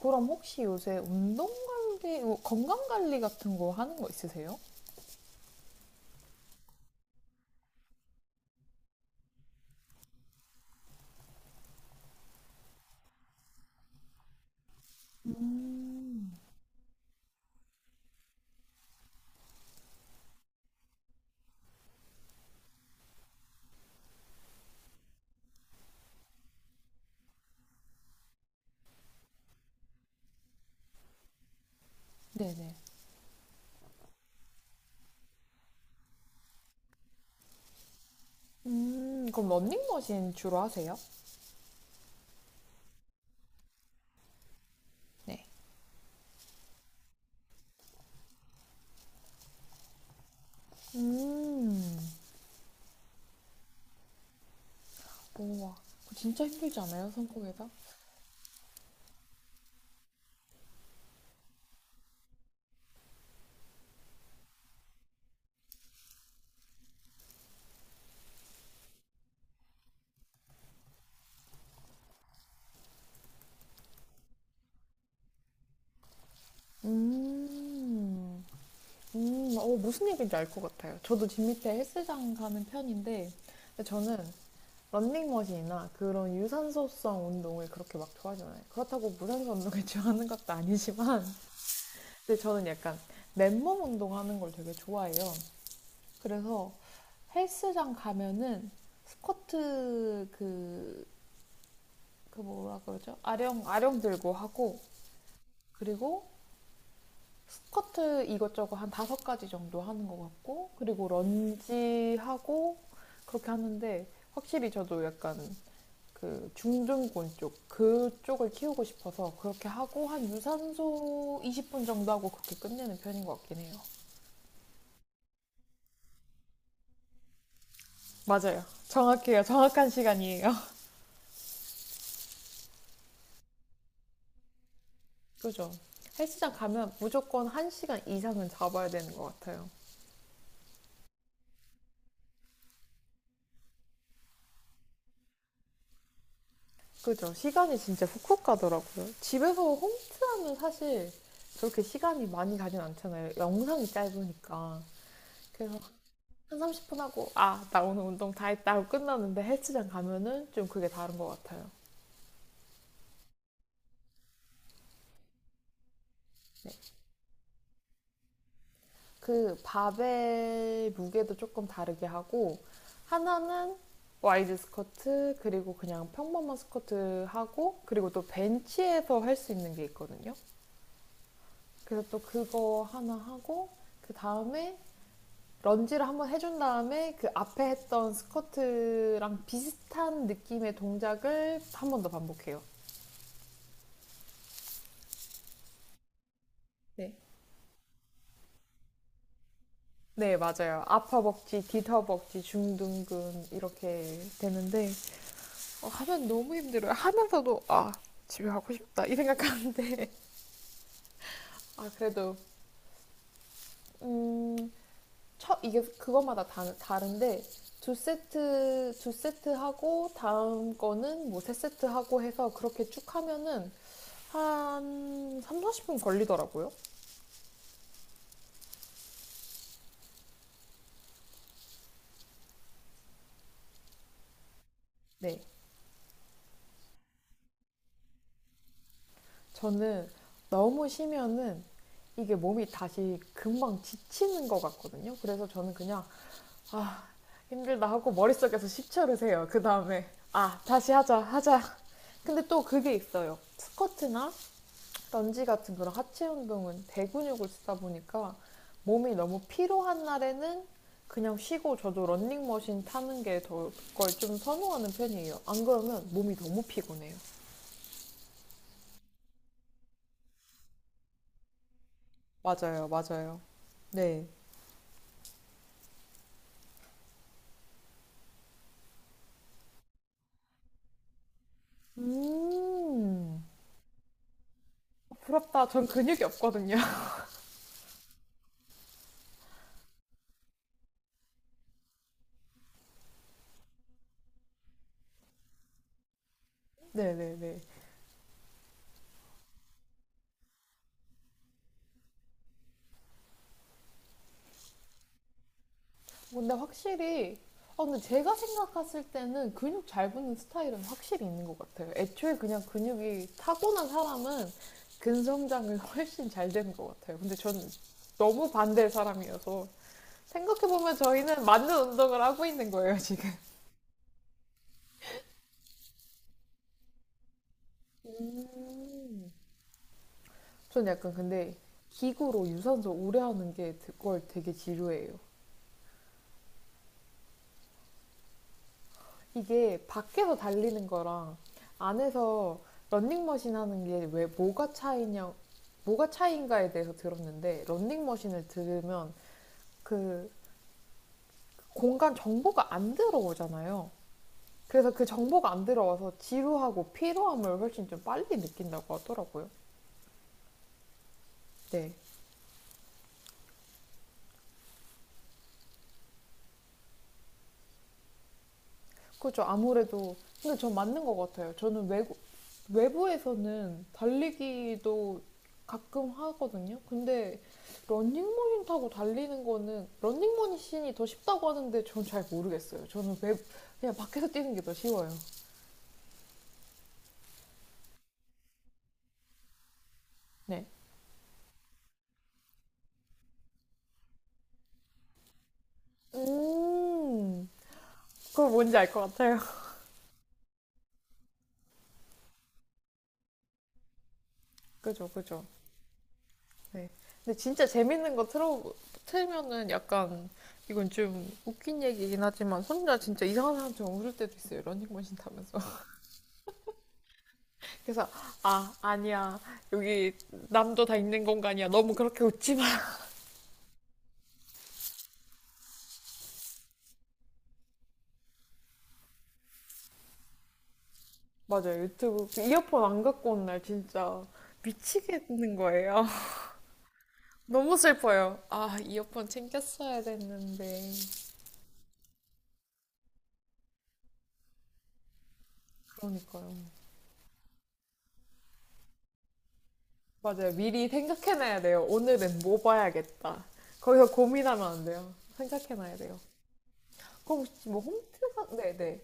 그럼 혹시 요새 운동 관리, 뭐 건강 관리 같은 거 하는 거 있으세요? 네네. 그럼 런닝머신 주로 하세요? 네. 음, 우와. 그거 진짜 힘들지 않아요? 손목에서? 음, 무슨 얘기인지 알 것 같아요. 저도 집 밑에 헬스장 가는 편인데, 근데 저는 런닝머신이나 그런 유산소성 운동을 그렇게 막 좋아하잖 않아요. 그렇다고 무산소 운동을 좋아하는 것도 아니지만, 근데 저는 약간 맨몸 운동하는 걸 되게 좋아해요. 그래서 헬스장 가면은 스쿼트 그, 그 뭐라 그러죠? 아령, 들고 하고, 그리고 스쿼트 이것저것 한 다섯 가지 정도 하는 것 같고, 그리고 런지 하고, 그렇게 하는데, 확실히 저도 약간 그 중둔근 쪽, 그쪽을 키우고 싶어서 그렇게 하고, 한 유산소 20분 정도 하고 그렇게 끝내는 편인 것 같긴 해요. 맞아요. 정확해요. 정확한 시간이에요. 그죠? 헬스장 가면 무조건 1시간 이상은 잡아야 되는 것 같아요. 그죠? 시간이 진짜 훅훅 가더라고요. 집에서 홈트하면 사실 저렇게 시간이 많이 가진 않잖아요. 영상이 짧으니까. 그래서 한 30분 하고, 아, 나 오늘 운동 다 했다 하고 끝났는데 헬스장 가면은 좀 그게 다른 것 같아요. 네. 그 바벨 무게도 조금 다르게 하고 하나는 와이드 스쿼트 그리고 그냥 평범한 스쿼트 하고 그리고 또 벤치에서 할 수 있는 게 있거든요. 그래서 또 그거 하나 하고 그 다음에 런지를 한번 해준 다음에 그 앞에 했던 스쿼트랑 비슷한 느낌의 동작을 한 번 더 반복해요. 네. 네, 맞아요. 아퍼벅지, 뒤터벅지, 중둔근 이렇게 되는데 하면 너무 힘들어요. 하면서도 아 집에 가고 싶다 이 생각하는데 아 그래도 음, 첫 이게 그것마다 다른데 두 세트 하고 다음 거는 뭐 세 세트 하고 해서 그렇게 쭉 하면은 한 3, 40분 걸리더라고요. 네. 저는 너무 쉬면은 이게 몸이 다시 금방 지치는 것 같거든요. 그래서 저는 그냥 아, 힘들다 하고 머릿속에서 10초를 세요. 그 다음에, 아, 다시 하자. 근데 또 그게 있어요. 스쿼트나 런지 같은 그런 하체 운동은 대근육을 쓰다 보니까 몸이 너무 피로한 날에는 그냥 쉬고 저도 런닝머신 타는 게 더 걸 좀 선호하는 편이에요. 안 그러면 몸이 너무 피곤해요. 맞아요, 맞아요. 네. 음, 부럽다. 전 근육이 없거든요. 네네네. 근데 확실히, 아, 근데 제가 생각했을 때는 근육 잘 붙는 스타일은 확실히 있는 것 같아요. 애초에 그냥 근육이 타고난 사람은 근성장은 훨씬 잘 되는 것 같아요. 근데 저는 너무 반대의 사람이어서 생각해보면 저희는 맞는 운동을 하고 있는 거예요, 지금. 음. 전 약간 근데 기구로 유산소 오래 하는 게 그걸 되게 지루해요. 이게 밖에서 달리는 거랑 안에서 런닝머신 하는 게 왜 뭐가 차이냐 뭐가 차이인가에 대해서 들었는데 런닝머신을 들으면 그 공간 정보가 안 들어오잖아요. 그래서 그 정보가 안 들어와서 지루하고 피로함을 훨씬 좀 빨리 느낀다고 하더라고요. 네. 그렇죠. 아무래도 근데 전 맞는 것 같아요. 저는 외국 외부에서는 달리기도 가끔 하거든요. 근데 런닝머신 타고 달리는 거는 런닝머신이 더 쉽다고 하는데 전 잘 모르겠어요. 저는 외 그냥 밖에서 뛰는 게 더 쉬워요. 네. 음, 그거 뭔지 알 것 같아요. 그죠, 그죠. 네. 근데 진짜 재밌는 거 틀어 틀면은 약간 이건 좀 웃긴 얘기긴 하지만 혼자 진짜 이상한 사람처럼 울을 때도 있어요. 런닝머신 타면서. 그래서 아 아니야 여기 남도 다 있는 공간이야 너무 그렇게 웃지 마. 맞아요. 유튜브 그 이어폰 안 갖고 온 날 진짜 미치겠는 거예요. 너무 슬퍼요. 아 이어폰 챙겼어야 됐는데. 그러니까요. 맞아요. 미리 생각해놔야 돼요. 오늘은 뭐 봐야겠다. 거기서 고민하면 안 돼요. 생각해놔야 돼요. 그럼 혹시 뭐 홈트가 네네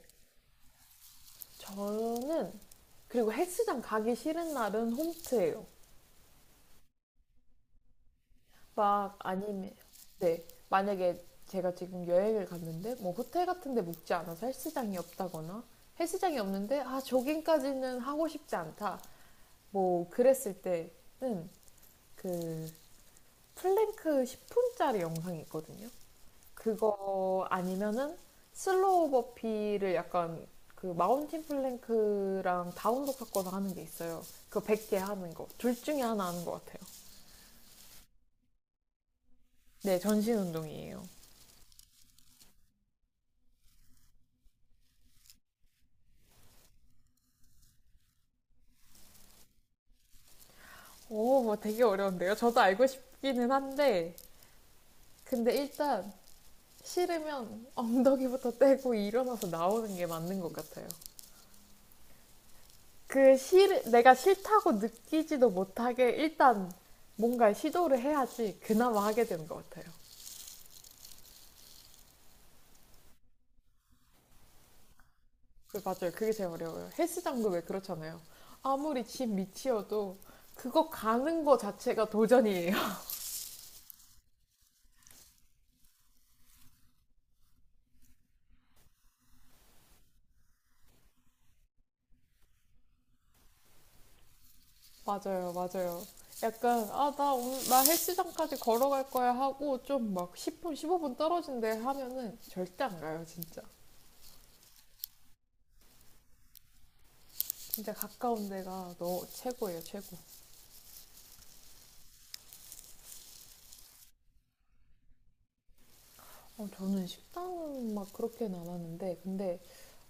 저는 그리고 헬스장 가기 싫은 날은 홈트예요. 막 아니면 네, 만약에 제가 지금 여행을 갔는데 뭐 호텔 같은 데 묵지 않아서 헬스장이 없다거나 헬스장이 없는데 아 조깅까지는 하고 싶지 않다 뭐 그랬을 때는 그 플랭크 10분짜리 영상이 있거든요. 그거 아니면은 슬로우 버피를 약간 그 마운틴 플랭크랑 다운독 섞어서 하는 게 있어요. 그거 100개 하는 거 둘 중에 하나 하는 것 같아요. 네 전신 운동이에요. 오, 뭐 되게 어려운데요. 저도 알고 싶기는 한데, 근데 일단 싫으면 엉덩이부터 떼고 일어나서 나오는 게 맞는 것 같아요. 내가 싫다고 느끼지도 못하게 일단 뭔가 시도를 해야지 그나마 하게 되는 것 같아요. 그 맞아요. 그게 제일 어려워요. 헬스장도 왜 그렇잖아요. 아무리 집 밑이어도 그거 가는 거 자체가 도전이에요. 맞아요, 맞아요. 약간, 나 헬스장까지 걸어갈 거야 하고, 좀 막 10분, 15분 떨어진 데 하면은 절대 안 가요, 진짜. 진짜 가까운 데가 너 최고예요, 최고. 저는 식단은 막 그렇게는 안 하는데, 근데,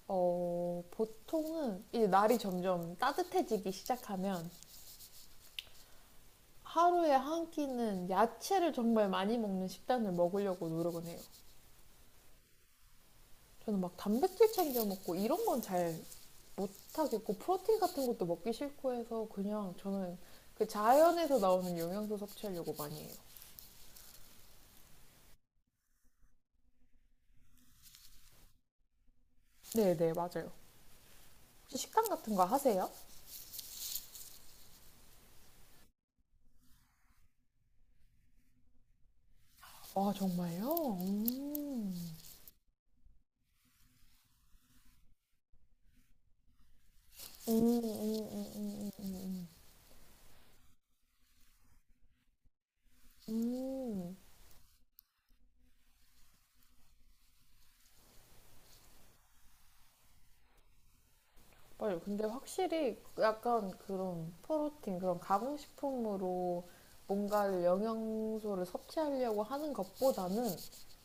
보통은 이제 날이 점점 따뜻해지기 시작하면 하루에 한 끼는 야채를 정말 많이 먹는 식단을 먹으려고 노력은 해요. 저는 막 단백질 챙겨 먹고 이런 건 잘 못하겠고 프로틴 같은 것도 먹기 싫고 해서 그냥 저는 그 자연에서 나오는 영양소 섭취하려고 많이 해요. 네네 맞아요. 혹시 식단 같은 거 하세요? 아 정말요? 음. 음, 음, 음, 음, 음, 음. 맞아요. 근데 확실히 약간 그런 프로틴, 그런 가공식품으로 뭔가를 영양소를 섭취하려고 하는 것보다는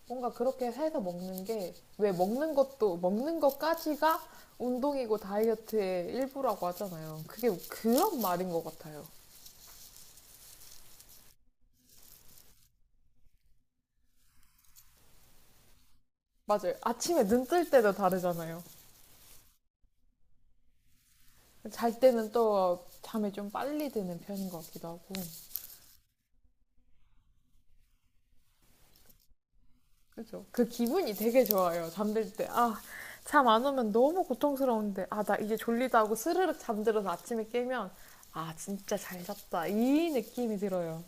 뭔가 그렇게 해서 먹는 게 왜 먹는 것도 먹는 것까지가 운동이고 다이어트의 일부라고 하잖아요. 그게 그런 말인 것 같아요. 맞아요. 아침에 눈뜰 때도 다르잖아요. 잘 때는 또 잠이 좀 빨리 드는 편인 것 같기도 하고. 그죠. 그 기분이 되게 좋아요. 잠들 때. 아, 잠 안 오면 너무 고통스러운데. 아, 나 이제 졸리다 하고 스르륵 잠들어서 아침에 깨면, 아, 진짜 잘 잤다. 이 느낌이 들어요.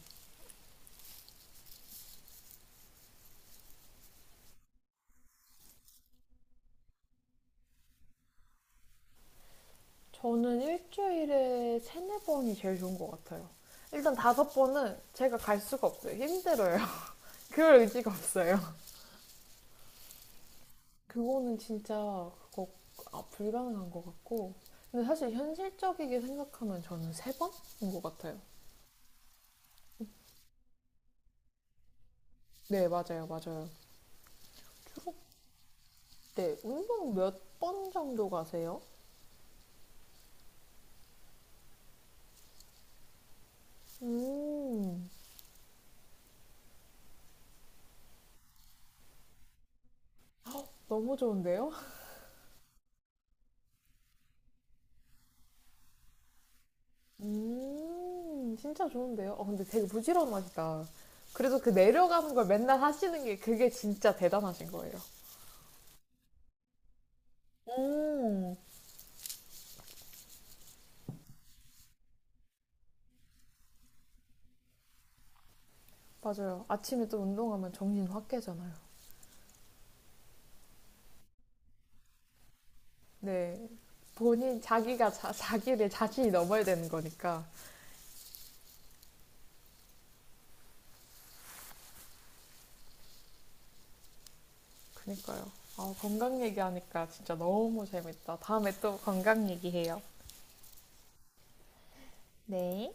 저는 일주일에 세네 번이 제일 좋은 것 같아요. 일단 다섯 번은 제가 갈 수가 없어요. 힘들어요. 그럴 의지가 없어요. 그거는 진짜 그거 아, 불가능한 것 같고. 근데 사실 현실적이게 생각하면 저는 세 번인 것 같아요. 네, 맞아요, 맞아요. 주로 네, 운동 몇 번 정도 가세요? 음, 헉, 너무 좋은데요? 진짜 좋은데요? 어, 근데 되게 부지런하시다. 그래서 그 내려가는 걸 맨날 하시는 게 그게 진짜 대단하신 거예요. 음, 맞아요. 아침에 또 운동하면 정신 확 깨잖아요. 네, 본인 자기를 자신이 넘어야 되는 거니까. 그니까요. 아, 건강 얘기하니까 진짜 너무 재밌다. 다음에 또 건강 얘기해요. 네.